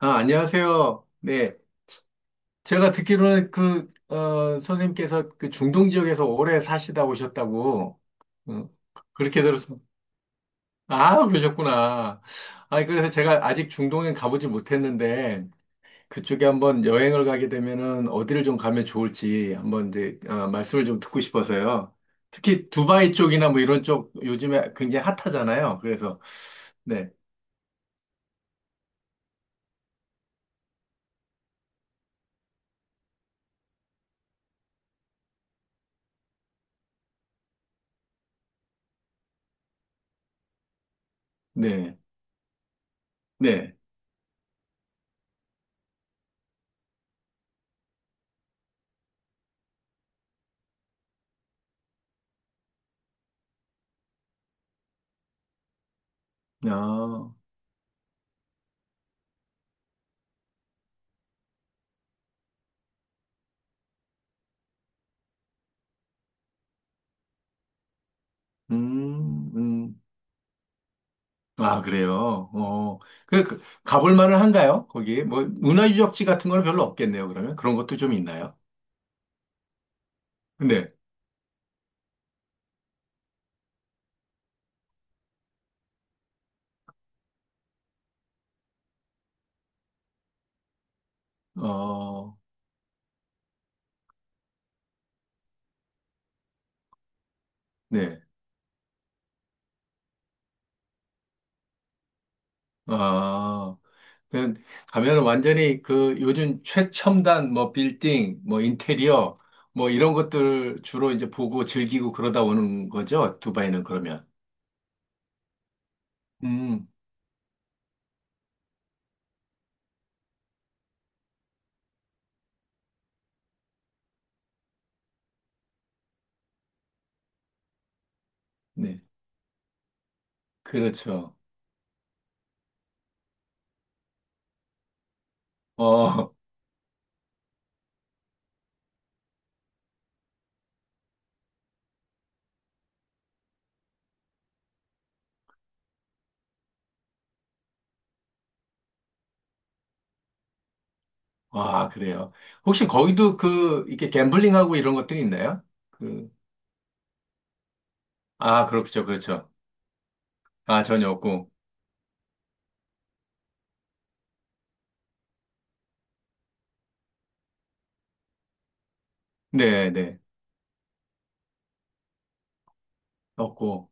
아, 안녕하세요. 네. 제가 듣기로는 그, 선생님께서 그 중동 지역에서 오래 사시다 오셨다고, 어, 그렇게 들었습니다. 아, 그러셨구나. 아, 그래서 제가 아직 중동에 가보지 못했는데, 그쪽에 한번 여행을 가게 되면은 어디를 좀 가면 좋을지 한번 이제, 말씀을 좀 듣고 싶어서요. 특히 두바이 쪽이나 뭐 이런 쪽 요즘에 굉장히 핫하잖아요. 그래서, 네, 네, 네. 아, 음, 음. 아, 그래요. 어, 가볼 만은 한가요? 거기 뭐 문화유적지 같은 건 별로 없겠네요. 그러면 그런 것도 좀 있나요? 근데 어, 네, 아, 그 가면 완전히 그 요즘 최첨단 뭐 빌딩, 뭐 인테리어, 뭐 이런 것들 주로 이제 보고 즐기고 그러다 오는 거죠. 두바이는 그러면. 음, 네, 그렇죠. 어, 아, 그래요. 혹시 거기도 그 이렇게 갬블링하고 이런 것들이 있나요? 그, 아, 그렇죠, 그렇죠. 아, 전혀 없고. 네, 네. 없고.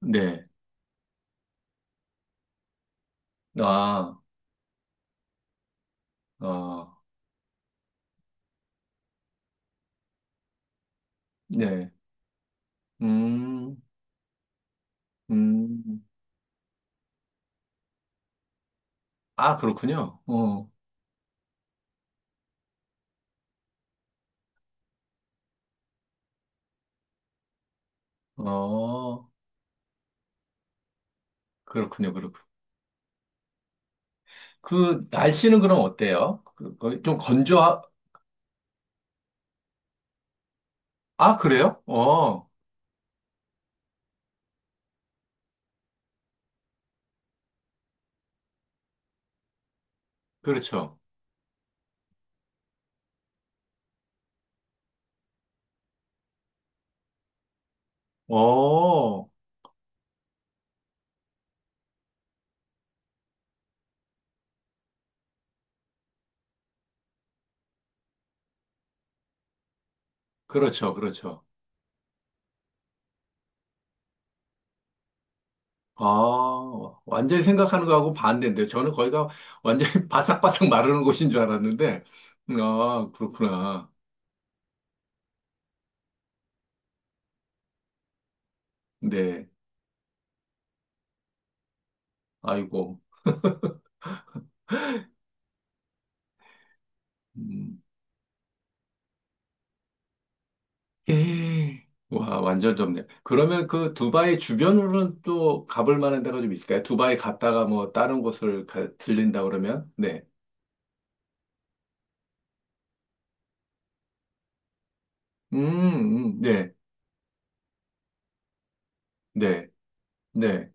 네. 아, 어, 네. 음, 음. 아, 그렇군요. 어, 어, 그렇군요, 그렇군요. 그, 날씨는 그럼 어때요? 그, 거좀 건조하, 아, 그래요? 어, 그렇죠. 어, 그렇죠, 그렇죠. 아, 완전히 생각하는 거하고 반대인데요. 저는 거기가 완전히 바삭바삭 마르는 곳인 줄 알았는데, 아, 그렇구나. 네. 아이고. 음. 에이, 와, 완전 좁네요. 그러면 그 두바이 주변으로는 또 가볼 만한 데가 좀 있을까요? 두바이 갔다가 뭐 다른 곳을 가, 들린다 그러면? 네. 음, 네, 네, 네.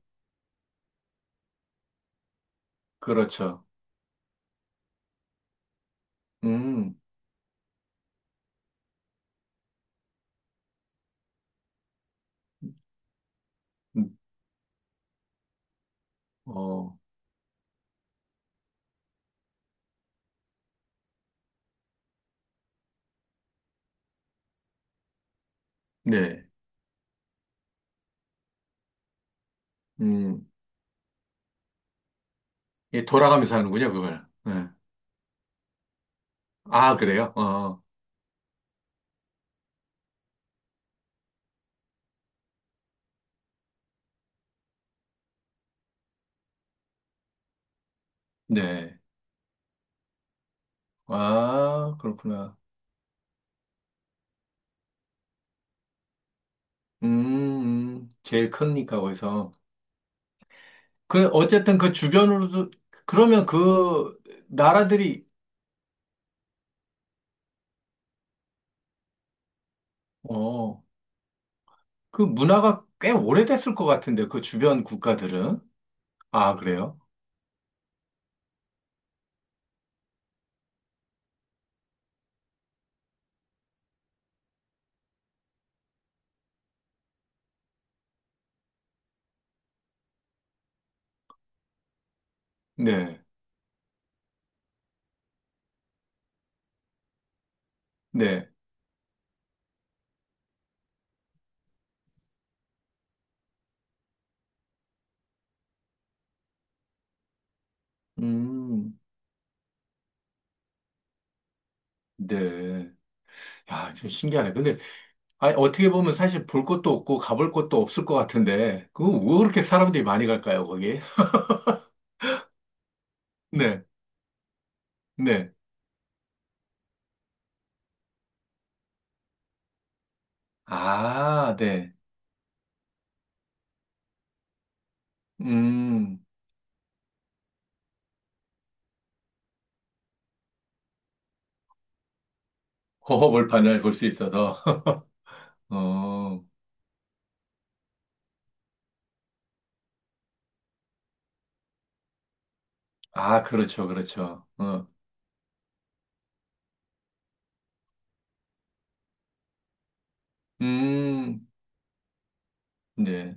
그렇죠. 음, 음, 어, 네. 음, 예, 돌아가면서 하는군요, 그걸. 네. 아, 그래요? 어, 네. 아, 그렇구나. 제일 크니까, 거기서. 그래, 어쨌든 그 주변으로도, 그러면 그 나라들이 어, 그 문화가 꽤 오래됐을 것 같은데, 그 주변 국가들은. 아, 그래요? 네, 네, 음, 네. 야, 좀 신기하네. 근데, 아니, 어떻게 보면 사실 볼 것도 없고 가볼 것도 없을 것 같은데, 그거 왜 그렇게 사람들이 많이 갈까요, 거기? 네, 네. 아, 네. 음, 호허벌판을 볼 수 있어서. 어, 아, 그렇죠, 그렇죠. 어, 음, 네,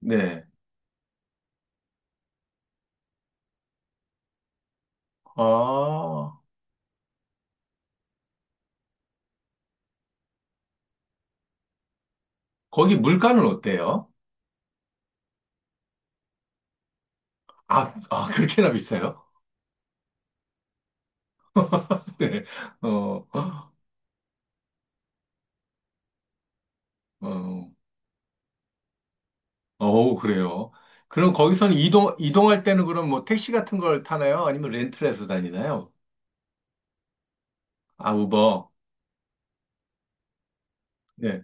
네. 아, 거기 물가는 어때요? 아, 아, 그렇게나 비싸요? 네. 어, 어, 어, 어우, 그래요. 그럼 거기서는 이동할 때는 그럼 뭐 택시 같은 걸 타나요? 아니면 렌트를 해서 다니나요? 아, 우버. 네.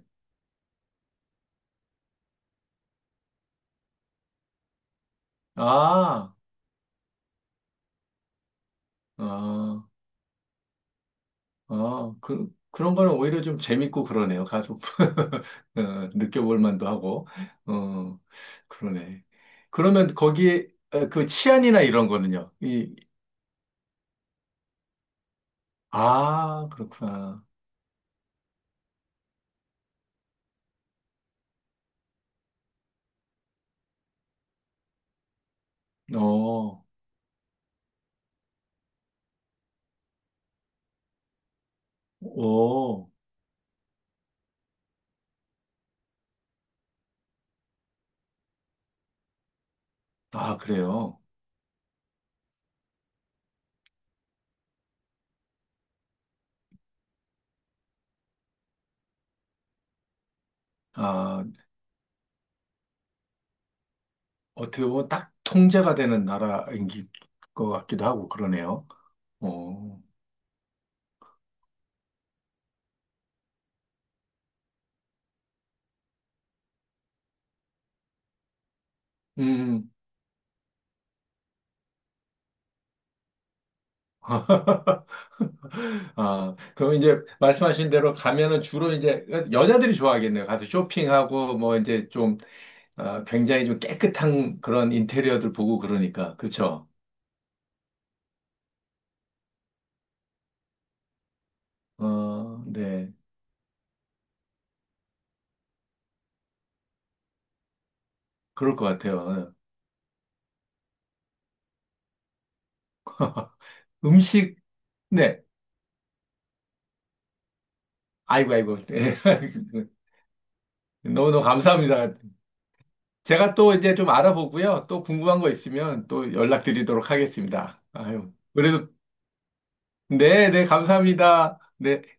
아, 아, 아, 그런 거는 오히려 좀 재밌고 그러네요. 가서, 어, 느껴볼 만도 하고. 어, 그러네. 그러면 거기에, 그 치안이나 이런 거는요? 아, 그렇구나. 어, 오. 아, 그래요. 아, 어떻게 보면 딱 통제가 되는 나라인 것 같기도 하고 그러네요. 어, 음, 아, 그럼 이제 말씀하신 대로 가면은 주로 이제 여자들이 좋아하겠네요. 가서 쇼핑하고 뭐 이제 좀 아, 굉장히 좀 깨끗한 그런 인테리어들 보고 그러니까. 그렇죠? 어, 네. 그럴 것 같아요. 음식, 네. 아이고, 아이고. 너무너무 감사합니다. 제가 또 이제 좀 알아보고요. 또 궁금한 거 있으면 또 연락드리도록 하겠습니다. 아유. 그래도, 네, 네, 감사합니다. 네.